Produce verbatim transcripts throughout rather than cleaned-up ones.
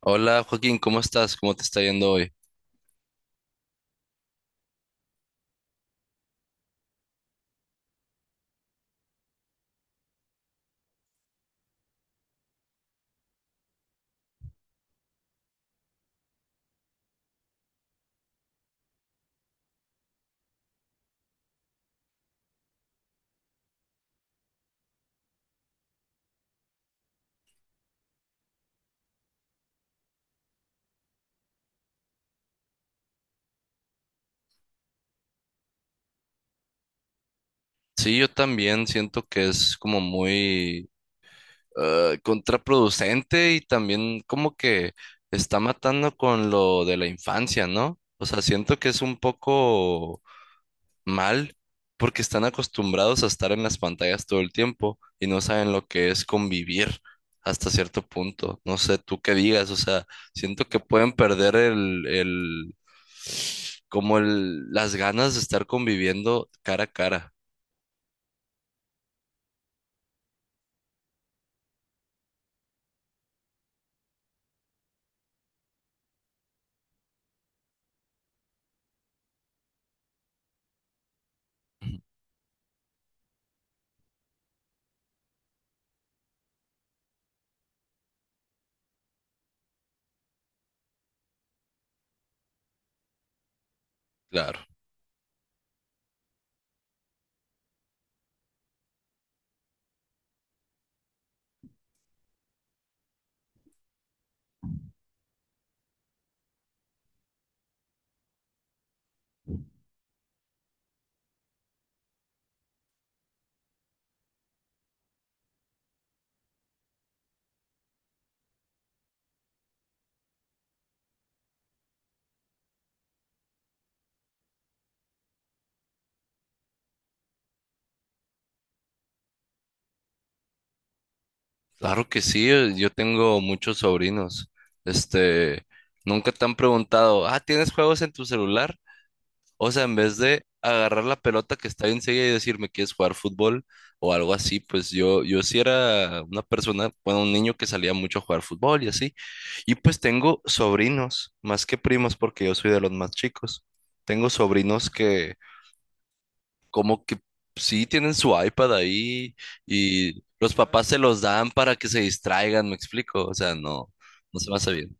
Hola Joaquín, ¿cómo estás? ¿Cómo te está yendo hoy? Sí, yo también siento que es como muy eh, contraproducente y también como que está matando con lo de la infancia, ¿no? O sea, siento que es un poco mal, porque están acostumbrados a estar en las pantallas todo el tiempo y no saben lo que es convivir hasta cierto punto. No sé tú qué digas, o sea, siento que pueden perder el, el, como el, las ganas de estar conviviendo cara a cara. Claro, claro que sí, eh, yo tengo muchos sobrinos. Este, nunca te han preguntado, ah, ¿tienes juegos en tu celular? O sea, en vez de agarrar la pelota que está enseguida y decirme quieres jugar fútbol o algo así, pues yo, yo sí era una persona, bueno, un niño que salía mucho a jugar fútbol y así. Y pues tengo sobrinos, más que primos, porque yo soy de los más chicos. Tengo sobrinos que como que sí tienen su iPad ahí y los papás se los dan para que se distraigan, ¿me explico? O sea, no, no se me hace bien,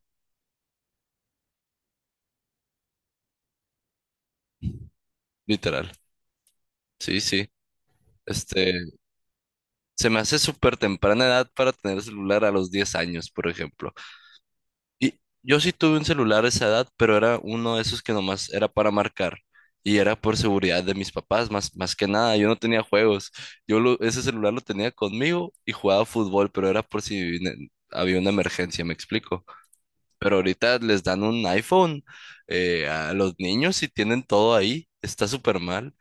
literal. Sí, sí. Este, se me hace súper temprana edad para tener celular a los diez años, por ejemplo. Y yo sí tuve un celular a esa edad, pero era uno de esos que nomás era para marcar. Y era por seguridad de mis papás, más, más que nada. Yo no tenía juegos. Yo lo- ese celular lo tenía conmigo y jugaba fútbol, pero era por si ne- había una emergencia, me explico. Pero ahorita les dan un iPhone eh, a los niños y tienen todo ahí. Está súper mal.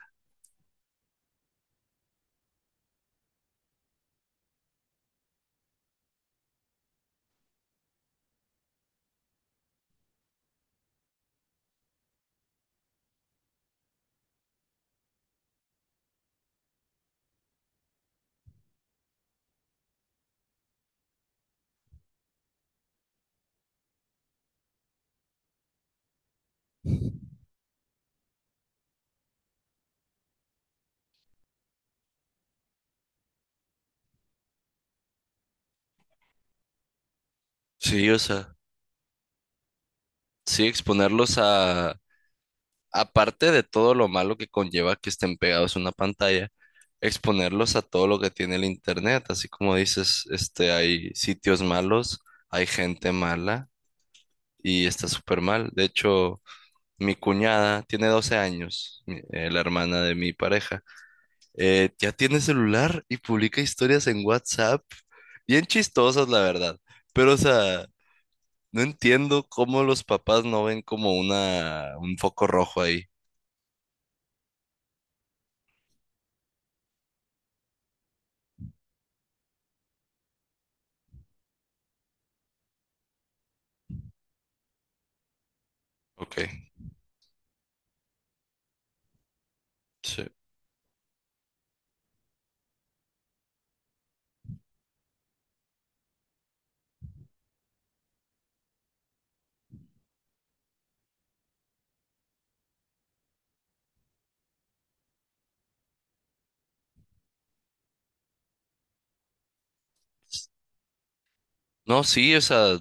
Sí, o sea, sí, exponerlos a aparte de todo lo malo que conlleva que estén pegados a una pantalla, exponerlos a todo lo que tiene el internet, así como dices, este, hay sitios malos, hay gente mala y está súper mal. De hecho, mi cuñada tiene doce años, mi- eh, la hermana de mi pareja, eh, ya tiene celular y publica historias en WhatsApp, bien chistosas, la verdad, pero o sea... No entiendo cómo los papás no ven como una un foco rojo ahí. Ok, sí. No, sí, o sea,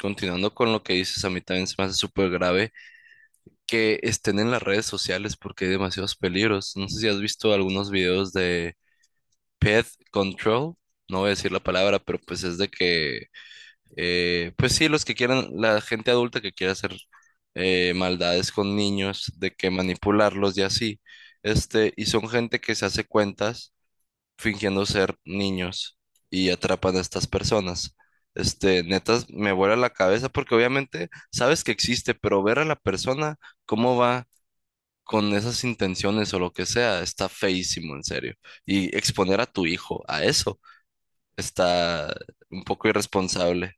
continuando con lo que dices, a mí también se me hace súper grave que estén en las redes sociales porque hay demasiados peligros. No sé si has visto algunos videos de Pet Control, no voy a decir la palabra, pero pues es de que, eh, pues sí, los que quieran, la gente adulta que quiera hacer eh, maldades con niños, de que manipularlos y así, este, y son gente que se hace cuentas fingiendo ser niños y atrapan a estas personas. Este, neta me vuela la cabeza porque obviamente sabes que existe, pero ver a la persona, cómo va con esas intenciones o lo que sea, está feísimo, en serio. Y exponer a tu hijo a eso está un poco irresponsable.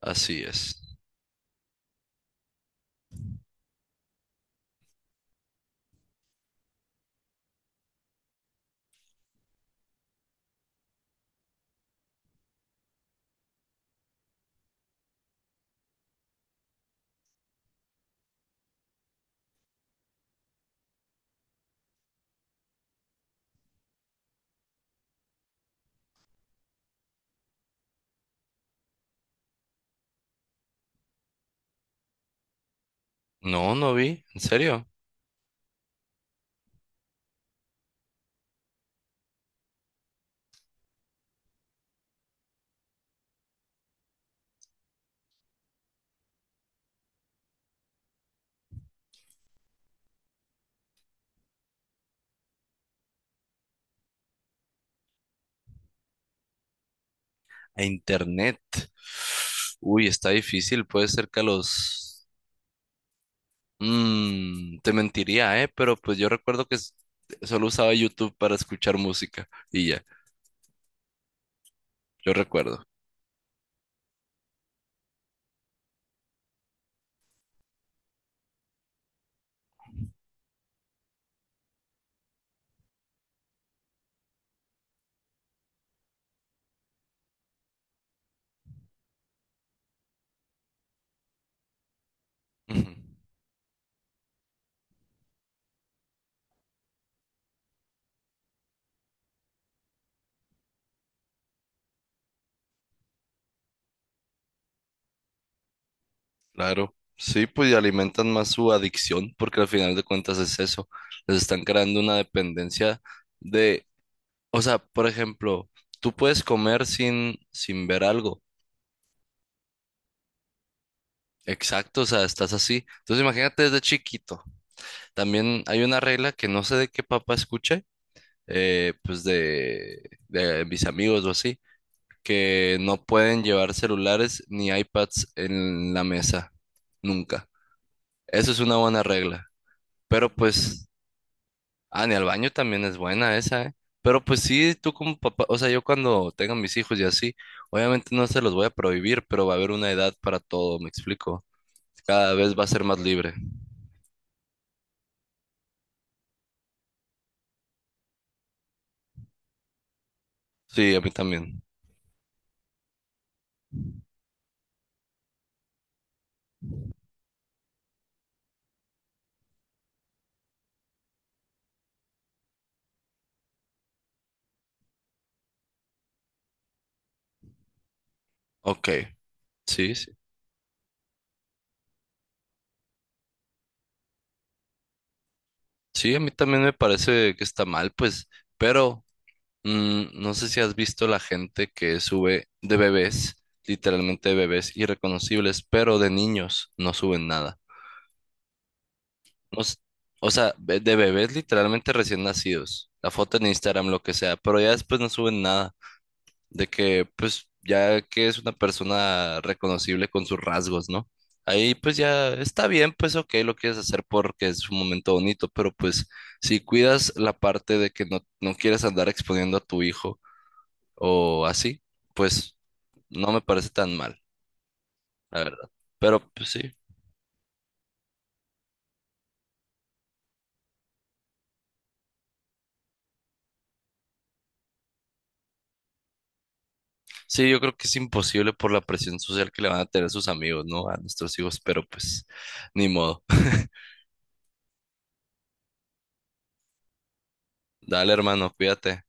Así es. No, no vi, en serio. A internet. Uy, está difícil, puede ser que a los Mm, te mentiría, ¿eh? Pero pues yo recuerdo que s- solo usaba YouTube para escuchar música y ya, yo recuerdo. Ujú. Claro, sí, pues y alimentan más su adicción porque al final de cuentas es eso, les están creando una dependencia de, o sea, por ejemplo, tú puedes comer sin, sin ver algo. Exacto, o sea, estás así. Entonces imagínate desde chiquito. También hay una regla que no sé de qué papá escuché, eh, pues de, de mis amigos o así que no pueden llevar celulares ni iPads en la mesa, nunca. Eso es una buena regla. Pero pues, ah, ni al baño también es buena esa, ¿eh? Pero pues sí, tú como papá, o sea, yo cuando tenga mis hijos y así, obviamente no se los voy a prohibir, pero va a haber una edad para todo, ¿me explico? Cada vez va a ser más libre. Sí, a mí también. Ok, sí, sí. Sí, a mí también me parece que está mal, pues, pero mm, no sé si has visto la gente que sube de bebés, literalmente de bebés irreconocibles, pero de niños no suben nada. No s- o sea, be- de bebés literalmente recién nacidos. La foto en Instagram, lo que sea, pero ya después no suben nada. De que, pues, ya que es una persona reconocible con sus rasgos, ¿no? Ahí pues ya está bien, pues ok, lo quieres hacer porque es un momento bonito, pero pues si cuidas la parte de que no, no quieres andar exponiendo a tu hijo o así, pues no me parece tan mal, la verdad. Pero pues sí, sí, yo creo que es imposible por la presión social que le van a tener sus amigos, ¿no? A nuestros hijos, pero pues ni modo. Dale, hermano, cuídate.